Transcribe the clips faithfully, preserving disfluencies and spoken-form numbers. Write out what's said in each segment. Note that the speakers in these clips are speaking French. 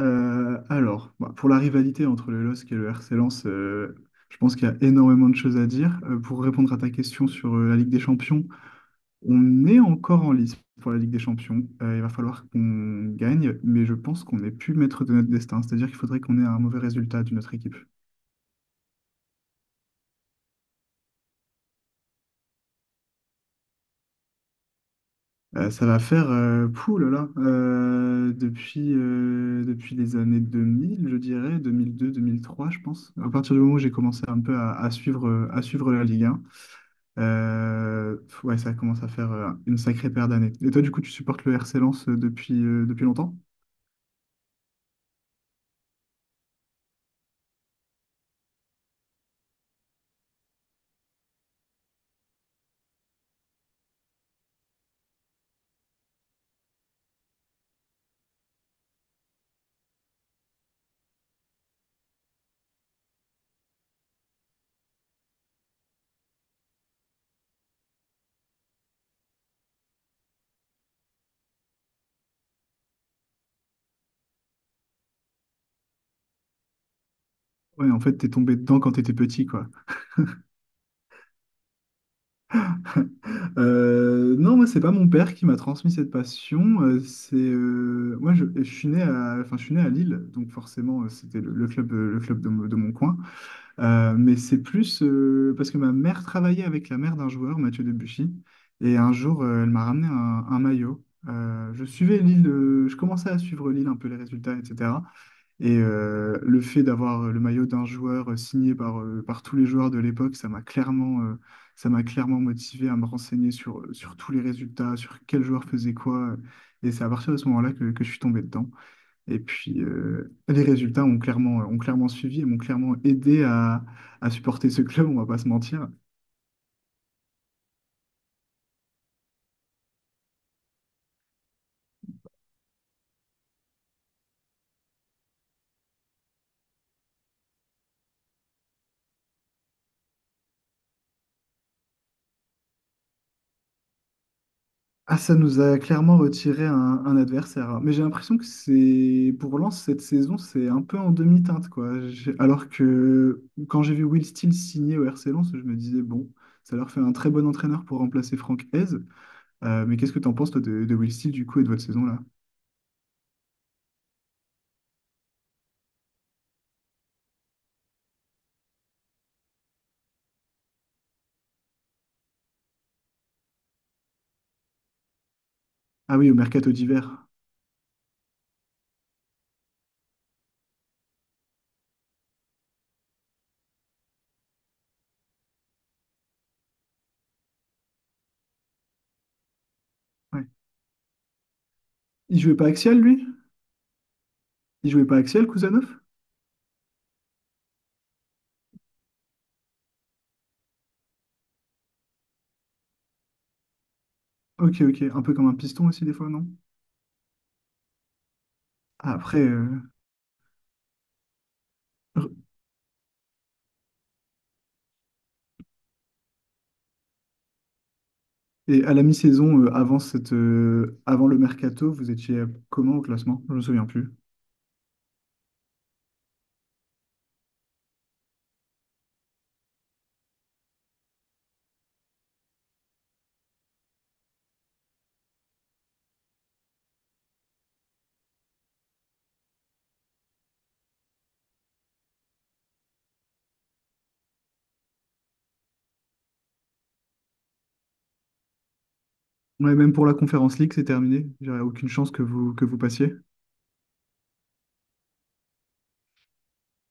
Euh, alors, bah, pour la rivalité entre le LOSC et le R C Lens, euh, je pense qu'il y a énormément de choses à dire. Euh, pour répondre à ta question sur euh, la Ligue des Champions, on est encore en lice pour la Ligue des Champions. Euh, il va falloir qu'on gagne, mais je pense qu'on n'est plus maître de notre destin. C'est-à-dire qu'il faudrait qu'on ait un mauvais résultat d'une autre équipe. Euh, ça va faire, euh, pouh là là, euh, depuis, euh, depuis les années deux mille, je dirais, deux deux, deux mille deux-deux mille trois, je pense. À partir du moment où j'ai commencé un peu à, à suivre, euh, à suivre la Ligue. Euh, ouais, ça commence à faire euh, une sacrée paire d'années. Et toi, du coup, tu supportes le R C Lens euh, depuis, euh, depuis longtemps? Ouais, en fait, t'es tombé dedans quand t'étais petit, quoi. Euh, non, moi, c'est pas mon père qui m'a transmis cette passion. Euh, c'est euh, Moi, je, je suis né à, enfin, je suis né à Lille, donc forcément, euh, c'était le, le club, euh, le club de, mon de mon coin. Euh, mais c'est plus euh, parce que ma mère travaillait avec la mère d'un joueur, Mathieu Debuchy, et un jour, euh, elle m'a ramené un, un maillot. Euh, je suivais Lille, euh, je commençais à suivre Lille un peu les résultats, et cetera. Et euh, le fait d'avoir euh, le maillot d'un joueur euh, signé par, euh, par tous les joueurs de l'époque, ça m'a clairement, euh, ça m'a clairement motivé à me renseigner sur, euh, sur tous les résultats, sur quel joueur faisait quoi. euh, Et c'est à partir de ce moment-là que, que je suis tombé dedans. Et puis, euh, les résultats ont clairement, ont clairement suivi et m'ont clairement aidé à, à supporter ce club, on va pas se mentir. Ah, ça nous a clairement retiré un, un adversaire. Mais j'ai l'impression que c'est pour Lens cette saison, c'est un peu en demi-teinte, quoi. J'ai- Alors que quand j'ai vu Will Steel signer au R C Lens, je me disais, bon, ça leur fait un très bon entraîneur pour remplacer Franck Hez. Euh, mais qu'est-ce que t'en penses, toi, de, de Will Steel, du coup, et de votre saison, là? Ah oui, au mercato d'hiver. Ouais. Il jouait pas axial, lui? Il jouait pas axial, Kouzanov? Ok, ok. Un peu comme un piston aussi, des fois, non? Ah, après. euh, Et à la mi-saison, euh, avant cette, euh, avant le mercato, vous étiez euh, comment au classement? Je me souviens plus. Ouais, même pour la conférence League, c'est terminé. J'aurais aucune chance que vous, que vous passiez.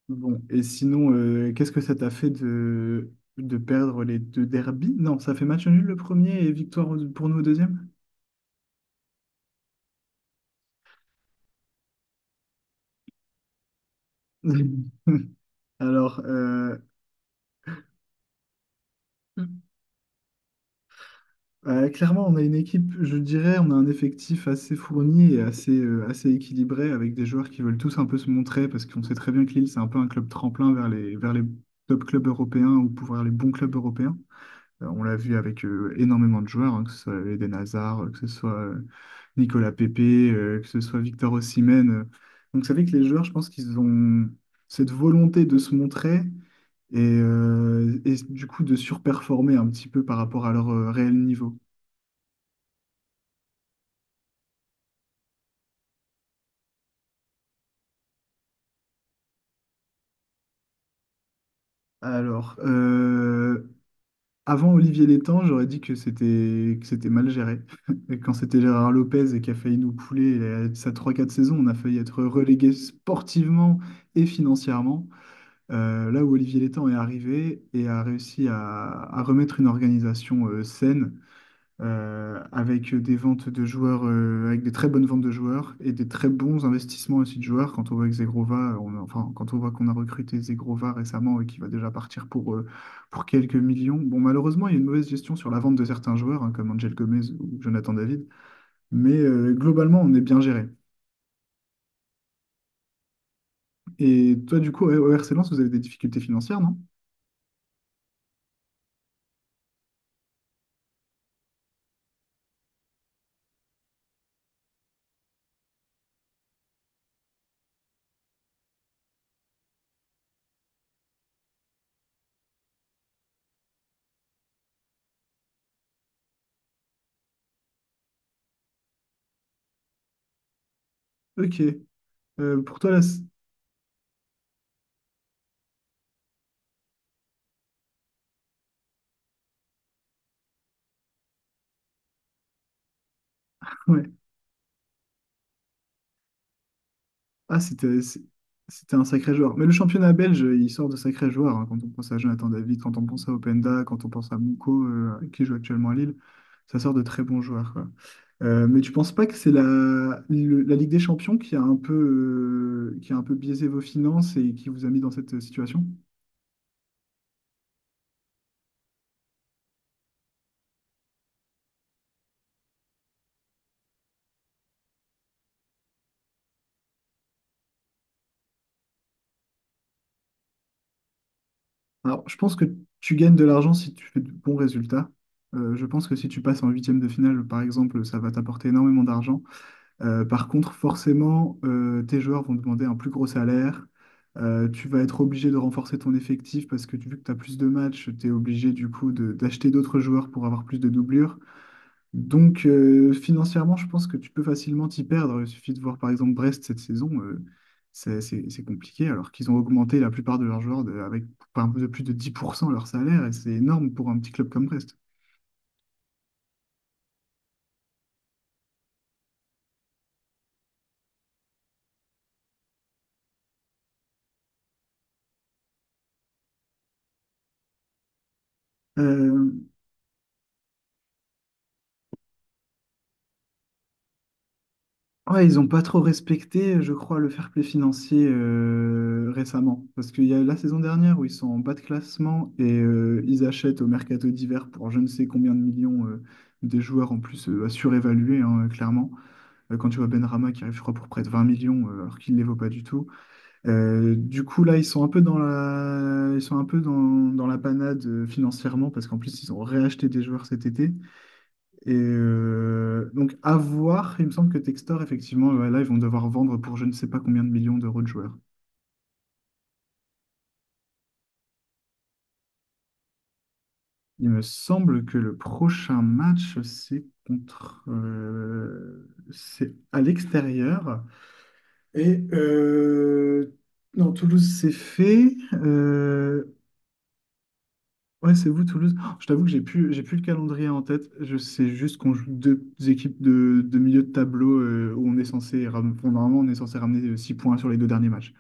Bon, et sinon, euh, qu'est-ce que ça t'a fait de, de perdre les deux derbies? Non, ça fait match nul le premier et victoire au- pour nous au deuxième? Alors, euh, Euh, clairement, on a une équipe, je dirais, on a un effectif assez fourni et assez, euh, assez équilibré avec des joueurs qui veulent tous un peu se montrer parce qu'on sait très bien que Lille, c'est un peu un club tremplin vers les, vers les top clubs européens ou pour vers les bons clubs européens. Euh, on l'a vu avec euh, énormément de joueurs, hein, que ce soit Eden Hazard, euh, que ce soit euh, Nicolas Pepe, euh, que ce soit Victor Osimhen. euh. Donc, c'est vrai que les joueurs, je pense qu'ils ont cette volonté de se montrer et, euh, et du coup de surperformer un petit peu par rapport à leur euh, réel niveau. Alors, euh, Avant Olivier Létang, j'aurais dit que c'était que c'était mal géré. Et quand c'était Gérard Lopez et qui a failli nous couler euh, sa trois quatre saisons, on a failli être relégué sportivement et financièrement. Euh, là où Olivier Létang est arrivé et a réussi à, à remettre une organisation euh, saine euh, avec des ventes de joueurs, euh, avec des très bonnes ventes de joueurs et des très bons investissements aussi de joueurs. Quand on voit que Zegrova, euh, on a- enfin, quand on voit qu'on a recruté Zegrova récemment et qu'il va déjà partir pour, euh, pour quelques millions. Bon, malheureusement, il y a une mauvaise gestion sur la vente de certains joueurs, hein, comme Angel Gomez ou Jonathan David, mais euh, globalement, on est bien géré. Et toi, du coup, ouais, au R C Lens, vous avez des difficultés financières, non? Ok. Euh, pour toi, là, c'est- ouais. Ah, c'était c'est- c'était un sacré joueur. Mais le championnat belge, il sort de sacrés joueurs, hein. Quand on pense à Jonathan David, quand on pense à Openda, quand on pense à Mouko, euh, qui joue actuellement à Lille, ça sort de très bons joueurs, quoi. Euh, mais tu penses pas que c'est la, le- la Ligue des Champions qui a un peu, euh, qui a un peu biaisé vos finances et qui vous a mis dans cette euh, situation? Alors, je pense que tu gagnes de l'argent si tu fais de bons résultats. Euh, je pense que si tu passes en huitième de finale, par exemple, ça va t'apporter énormément d'argent. Euh, par contre, forcément, euh, tes joueurs vont demander un plus gros salaire. Euh, tu vas être obligé de renforcer ton effectif parce que tu- vu que tu as plus de matchs, tu es obligé du coup de- d'acheter d'autres joueurs pour avoir plus de doublures. Donc euh, financièrement, je pense que tu peux facilement t'y perdre. Il suffit de voir par exemple Brest cette saison, euh, c'est c'est- c'est compliqué alors qu'ils ont augmenté la plupart de leurs joueurs de- avec un peu de plus de dix pour cent leur salaire et c'est énorme pour un petit club comme Brest. Euh, Ouais, ils n'ont pas trop respecté, je crois, le fair play financier euh, récemment. Parce qu'il y a la saison dernière où ils sont en bas de classement et euh, ils achètent au mercato d'hiver pour je ne sais combien de millions euh, des joueurs en plus euh, à surévaluer, hein, clairement. Euh, quand tu vois Benrama qui arrive, je crois, pour près de vingt millions euh, alors qu'il ne les vaut pas du tout. Euh, du coup, là, ils sont un peu dans la, ils sont un peu dans, dans la panade euh, financièrement parce qu'en plus, ils ont réacheté des joueurs cet été. Et euh, donc, à voir, il me semble que Textor, effectivement, ouais, là, ils vont devoir vendre pour je ne sais pas combien de millions d'euros de joueurs. Il me semble que le prochain match, c'est contre. Euh, c'est à l'extérieur. Et euh, non, Toulouse, c'est fait. Euh, ouais, c'est vous, Toulouse. Oh, je t'avoue que j'ai plus, j'ai plus le calendrier en tête. Je sais juste qu'on joue deux équipes de, de milieu de tableau euh, où on est censé. Ram- bon, normalement, on est censé ramener euh, six points sur les deux derniers matchs.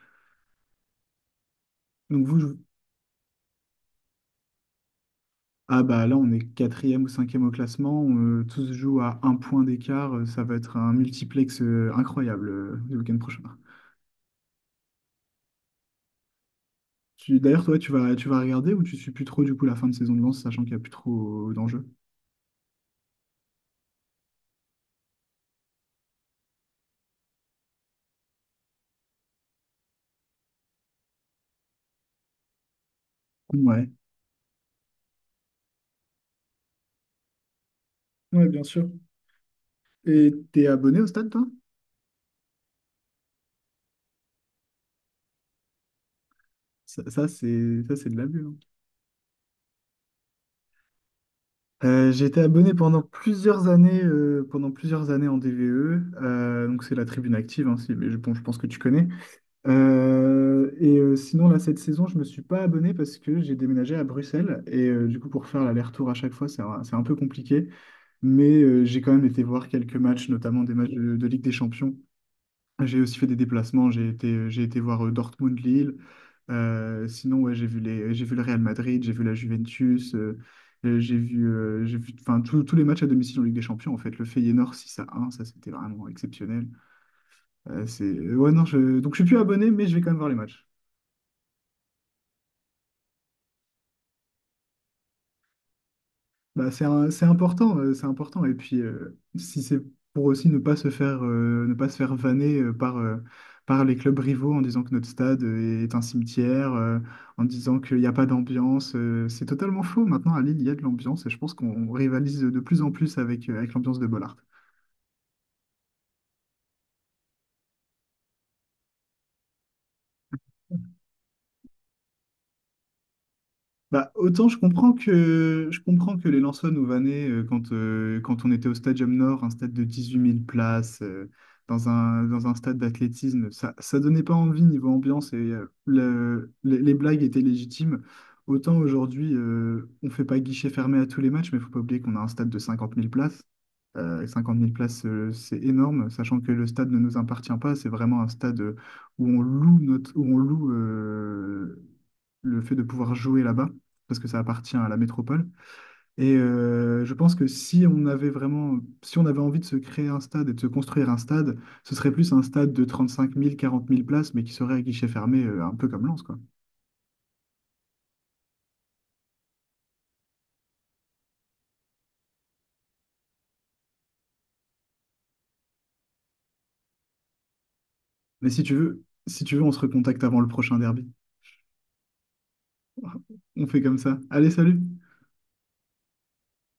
Donc vous. Ah bah là, on est quatrième ou cinquième au classement. On, euh, tous jouent à un point d'écart. euh, Ça va être un multiplex euh, incroyable euh, le week-end prochain. Tu, d'ailleurs, toi, tu vas, tu vas regarder ou tu suis plus trop du coup la fin de saison de Lens, sachant qu'il n'y a plus trop euh, d'enjeux? Ouais. Ouais, bien sûr. Et t'es abonné au stade, toi? Ça, ça, c'est ça, c'est de l'abus, hein. Euh, j'ai été abonné pendant plusieurs années, euh, pendant plusieurs années en D V E. Euh, donc c'est la tribune active, hein, si- mais je, bon, je pense que tu connais. Euh, et euh, sinon, là, cette saison, je me suis pas abonné parce que j'ai déménagé à Bruxelles. Et euh, du coup, pour faire l'aller-retour à chaque fois, c'est un, c'est un peu compliqué. Mais euh, j'ai quand même été voir quelques matchs, notamment des matchs de, de Ligue des Champions. J'ai aussi fait des déplacements. J'ai été, euh, j'ai été voir euh, Dortmund-Lille. Euh, sinon, ouais, j'ai vu les, j'ai vu le Real Madrid, j'ai vu la Juventus. Euh, euh, j'ai vu, euh, j'ai vu enfin, tous tous les matchs à domicile en Ligue des Champions, en fait. Le Feyenoord six à un, ça, c'était vraiment exceptionnel. Euh, c'est... Ouais, non, je... Donc, je suis plus abonné, mais je vais quand même voir les matchs. Bah, c'est un- c'est important, euh, c'est important. Et puis, euh, si c'est pour aussi ne pas se faire, euh, ne pas se faire vanner euh, par, euh, par les clubs rivaux en disant que notre stade euh, est un cimetière, euh, en disant qu'il n'y a pas d'ambiance, euh, c'est totalement faux. Maintenant, à Lille, il y a de l'ambiance et je pense qu'on rivalise de plus en plus avec, euh, avec l'ambiance de Bollard. Bah, autant je comprends que, je comprends que les Lensois nous vannaient euh, quand, euh, quand on était au Stadium Nord, un stade de dix-huit mille places, euh, dans un, dans un stade d'athlétisme. Ça, ça donnait pas envie niveau ambiance et euh, le- les, les blagues étaient légitimes. Autant aujourd'hui, euh, on fait pas guichet fermé à tous les matchs, mais faut pas oublier qu'on a un stade de cinquante mille places. Euh, cinquante mille places, euh, c'est énorme, sachant que le stade ne nous appartient pas. C'est vraiment un stade euh, où on loue notre, où on loue euh, le fait de pouvoir jouer là-bas, parce que ça appartient à la métropole. Et euh, je pense que si on avait vraiment, si on avait envie de se créer un stade et de se construire un stade, ce serait plus un stade de trente-cinq mille quarante mille places, mais qui serait à guichet fermé, euh, un peu comme Lens, quoi. Mais si tu veux, si tu veux, on se recontacte avant le prochain derby. On fait comme ça. Allez, salut!